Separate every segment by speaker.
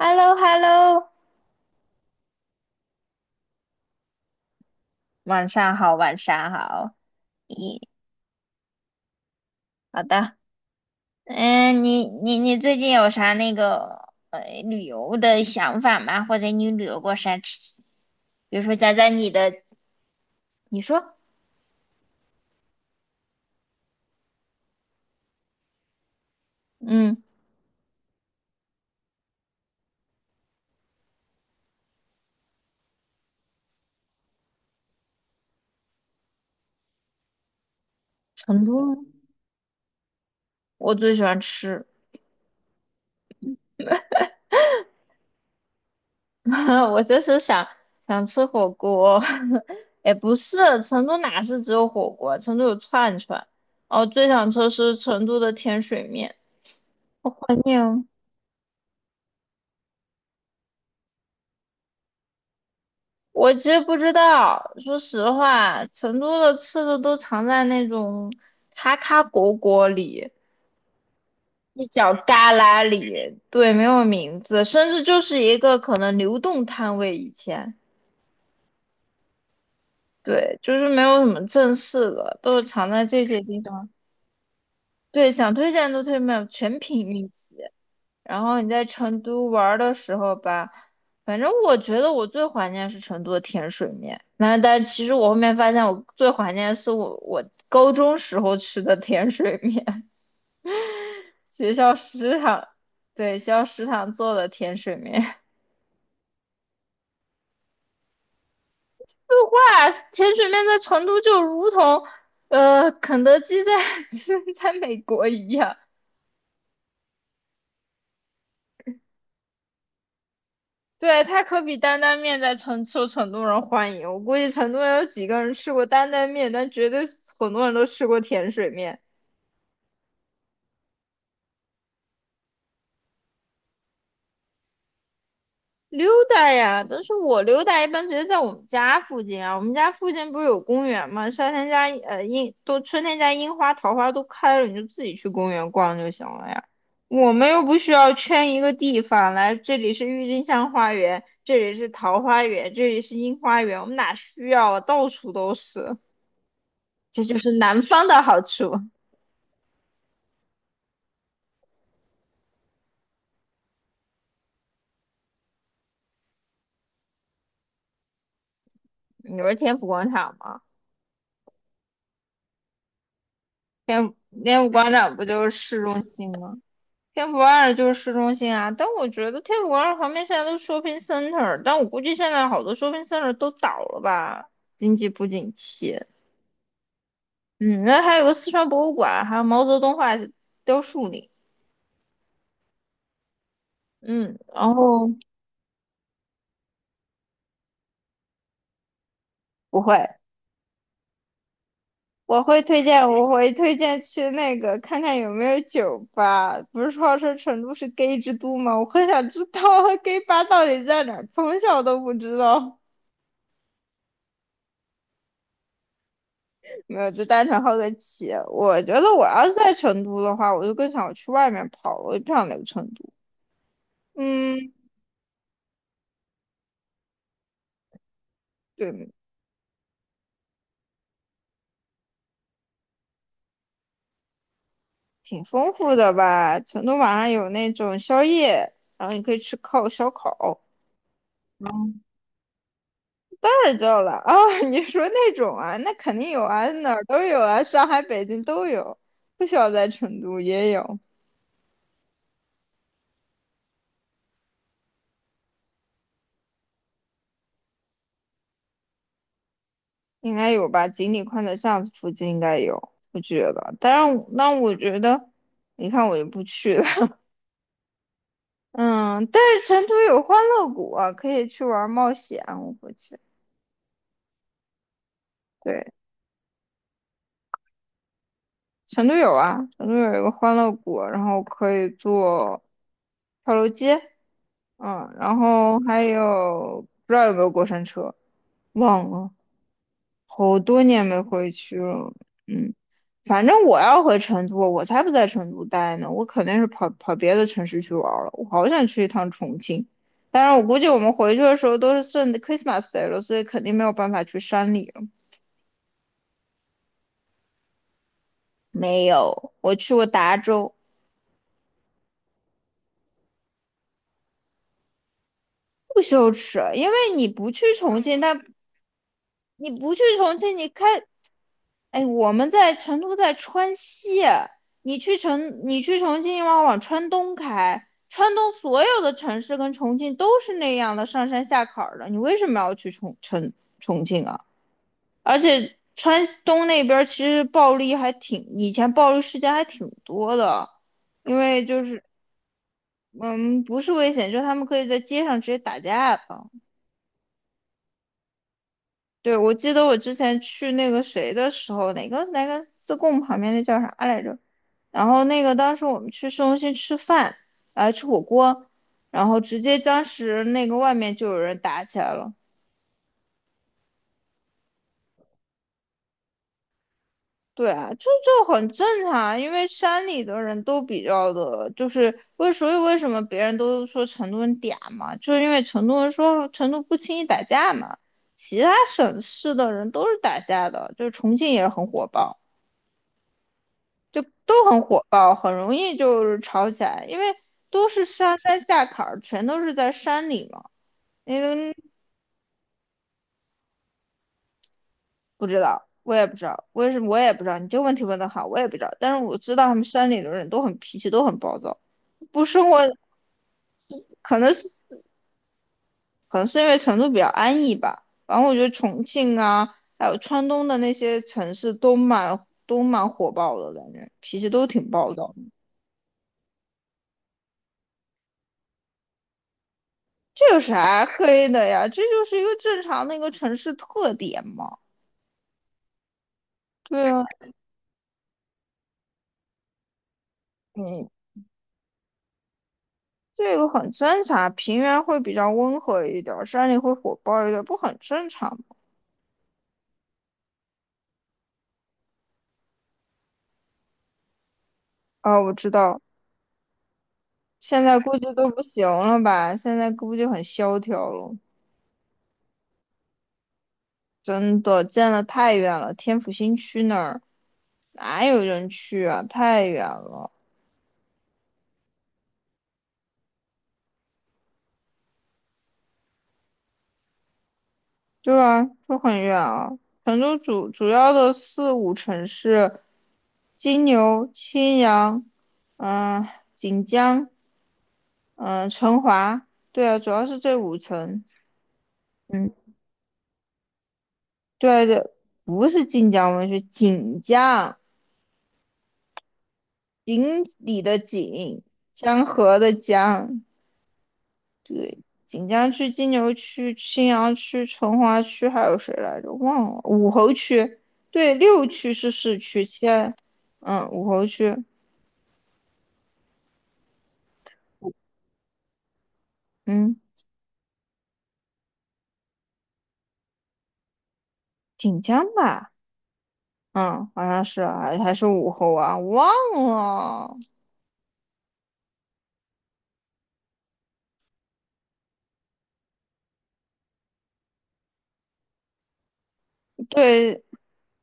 Speaker 1: h e l l o h e l l o 晚上好，晚上好。咦，好的。你最近有啥那个旅游的想法吗？或者你旅游过啥吃？比如说讲讲你的，你说，嗯，成都吗？我最喜欢吃，我想吃火锅。也不是，成都哪是只有火锅？成都有串串。哦，最想吃是成都的甜水面，我怀念哦。我其实不知道，说实话，成都的吃的都藏在那种咔咔果果里，一角旮旯里，对，没有名字，甚至就是一个可能流动摊位。以前，对，就是没有什么正式的，都是藏在这些地方。对，想推荐都推荐不了，全凭运气。然后你在成都玩的时候吧，反正我觉得我最怀念是成都的甜水面。那但其实我后面发现，我最怀念的是我高中时候吃的甜水面，学校食堂，对，学校食堂做的甜水面。哇，甜水面在成都就如同，肯德基在 在美国一样。对，它可比担担面在成都人欢迎。我估计成都人有几个人吃过担担面，但绝对很多人都吃过甜水面。溜达呀，但是我溜达一般直接在我们家附近啊。我们家附近不是有公园吗？夏天家呃樱都春天家樱花、桃花都开了，你就自己去公园逛就行了呀。我们又不需要圈一个地方来，这里是郁金香花园，这里是桃花源，这里是樱花园，我们哪需要啊？到处都是。这就是南方的好处。你不是天府广场吗？天府广场不就是市中心吗？天府二就是市中心啊。但我觉得天府广场旁边现在都是 shopping center，但我估计现在好多 shopping center 都倒了吧，经济不景气。嗯，那还有个四川博物馆，还有毛泽东画雕塑呢。嗯，然后不会，我会推荐去那个看看有没有酒吧。不是号称成都是 gay 之都吗？我很想知道 gay 吧到底在哪儿，从小都不知道。没有，就单纯好个奇。我觉得我要是在成都的话，我就更想去外面跑了，我就不想留成都。嗯，对，挺丰富的吧？成都晚上有那种宵夜，然后你可以吃烤烧烤。太旧了啊！你说那种啊，那肯定有啊，哪儿都有啊，上海、北京都有，不需要在成都也有，应该有吧？锦里宽窄巷子附近应该有，我觉得。但我觉得，你看我就不去了。嗯，但是成都有欢乐谷啊，可以去玩冒险，我估计。对，成都有啊，成都有一个欢乐谷，然后可以坐跳楼机，嗯，然后还有不知道有没有过山车，忘了，好多年没回去了，嗯，反正我要回成都，我才不在成都待呢，我肯定是跑别的城市去玩了，我好想去一趟重庆，但是我估计我们回去的时候都是顺 Christmas Day 了，所以肯定没有办法去山里了。没有，我去过达州。不羞耻，因为你不去重庆，你开，哎，我们在成都，在川西，你去重庆，要往川东开，川东所有的城市跟重庆都是那样的上山下坎儿的，你为什么要去重庆啊？而且川东那边儿其实暴力还挺，以前暴力事件还挺多的，因为就是嗯，不是危险，就是他们可以在街上直接打架的。对，我记得我之前去那个谁的时候，哪个自贡旁边那叫啥来着？然后那个当时我们去市中心吃饭，吃火锅，然后直接当时那个外面就有人打起来了。对啊，很正常，因为山里的人都比较的，就是为所以为什么别人都说成都人嗲嘛，就是因为成都人说成都不轻易打架嘛，其他省市的人都是打架的，就是重庆也很火爆。就都很火爆，很容易就是吵起来，因为都是上山下坎儿，全都是在山里嘛。不知道，我也不知道，为什么我也不知道。你这个问题问得好，我也不知道。但是我知道他们山里的人都很脾气，都很暴躁，不生活，可能是可能是因为成都比较安逸吧。反正我觉得重庆啊，还有川东的那些城市都蛮火爆的，感觉脾气都挺暴躁的。这有啥黑的呀？这就是一个正常的一个城市特点嘛。对啊。嗯，这个很正常，平原会比较温和一点儿，山里会火爆一点儿，不很正常吗？啊，我知道，现在估计都不行了吧？现在估计很萧条了，真的，建的太远了，天府新区那儿哪有人去啊？太远了，对啊，就很远啊。成都主要的四五城市，金牛、青羊，嗯、锦江，嗯、成华，对啊，主要是这五城。嗯，对对，不是晋江文学，锦江，锦里的锦，江河的江，对，锦江区、金牛区、青羊区、成华区，还有谁来着？忘了，武侯区，对，六区是市区，其他，嗯，武侯区，嗯，锦江吧，嗯，好像是啊还是武侯啊，忘了，对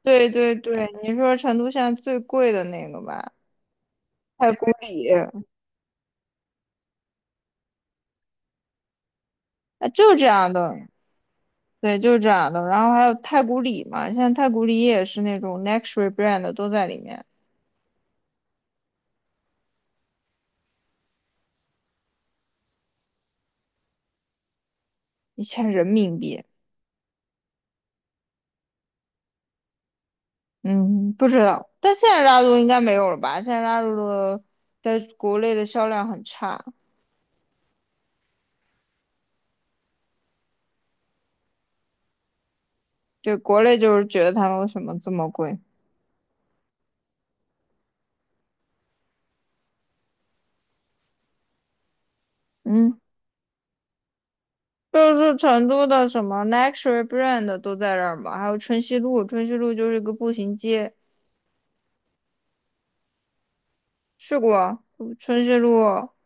Speaker 1: 对，你说成都现在最贵的那个吧，太古里。啊，就这样的，对，就是这样的。然后还有太古里嘛，现在太古里也是那种 luxury brand 的都在里面，1000人民币。嗯，不知道，但现在拉露应该没有了吧？现在拉露的在国内的销量很差，对，国内就是觉得他们为什么这么贵？嗯，就是成都的什么 luxury brand 都在这儿嘛，还有春熙路，春熙路就是一个步行街，去过春熙路、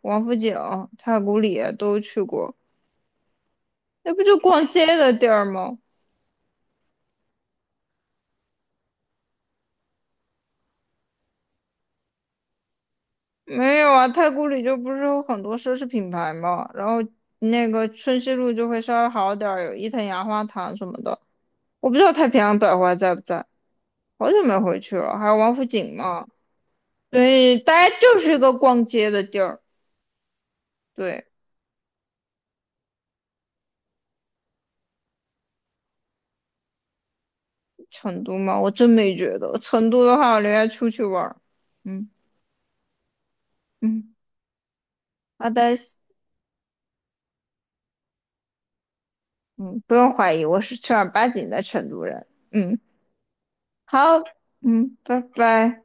Speaker 1: 王府井、太古里都去过，那不就逛街的地儿吗？没有啊，太古里就不是有很多奢侈品牌嘛，然后那个春熙路就会稍微好点儿，有伊藤洋华堂什么的。我不知道太平洋百货还在不在，好久没回去了。还有王府井嘛，所以大家就是一个逛街的地儿。对，成都嘛，我真没觉得。成都的话，我宁愿出去玩儿。嗯嗯，好的，嗯，不用怀疑，我是正儿八经的成都人。嗯，好，嗯，拜拜。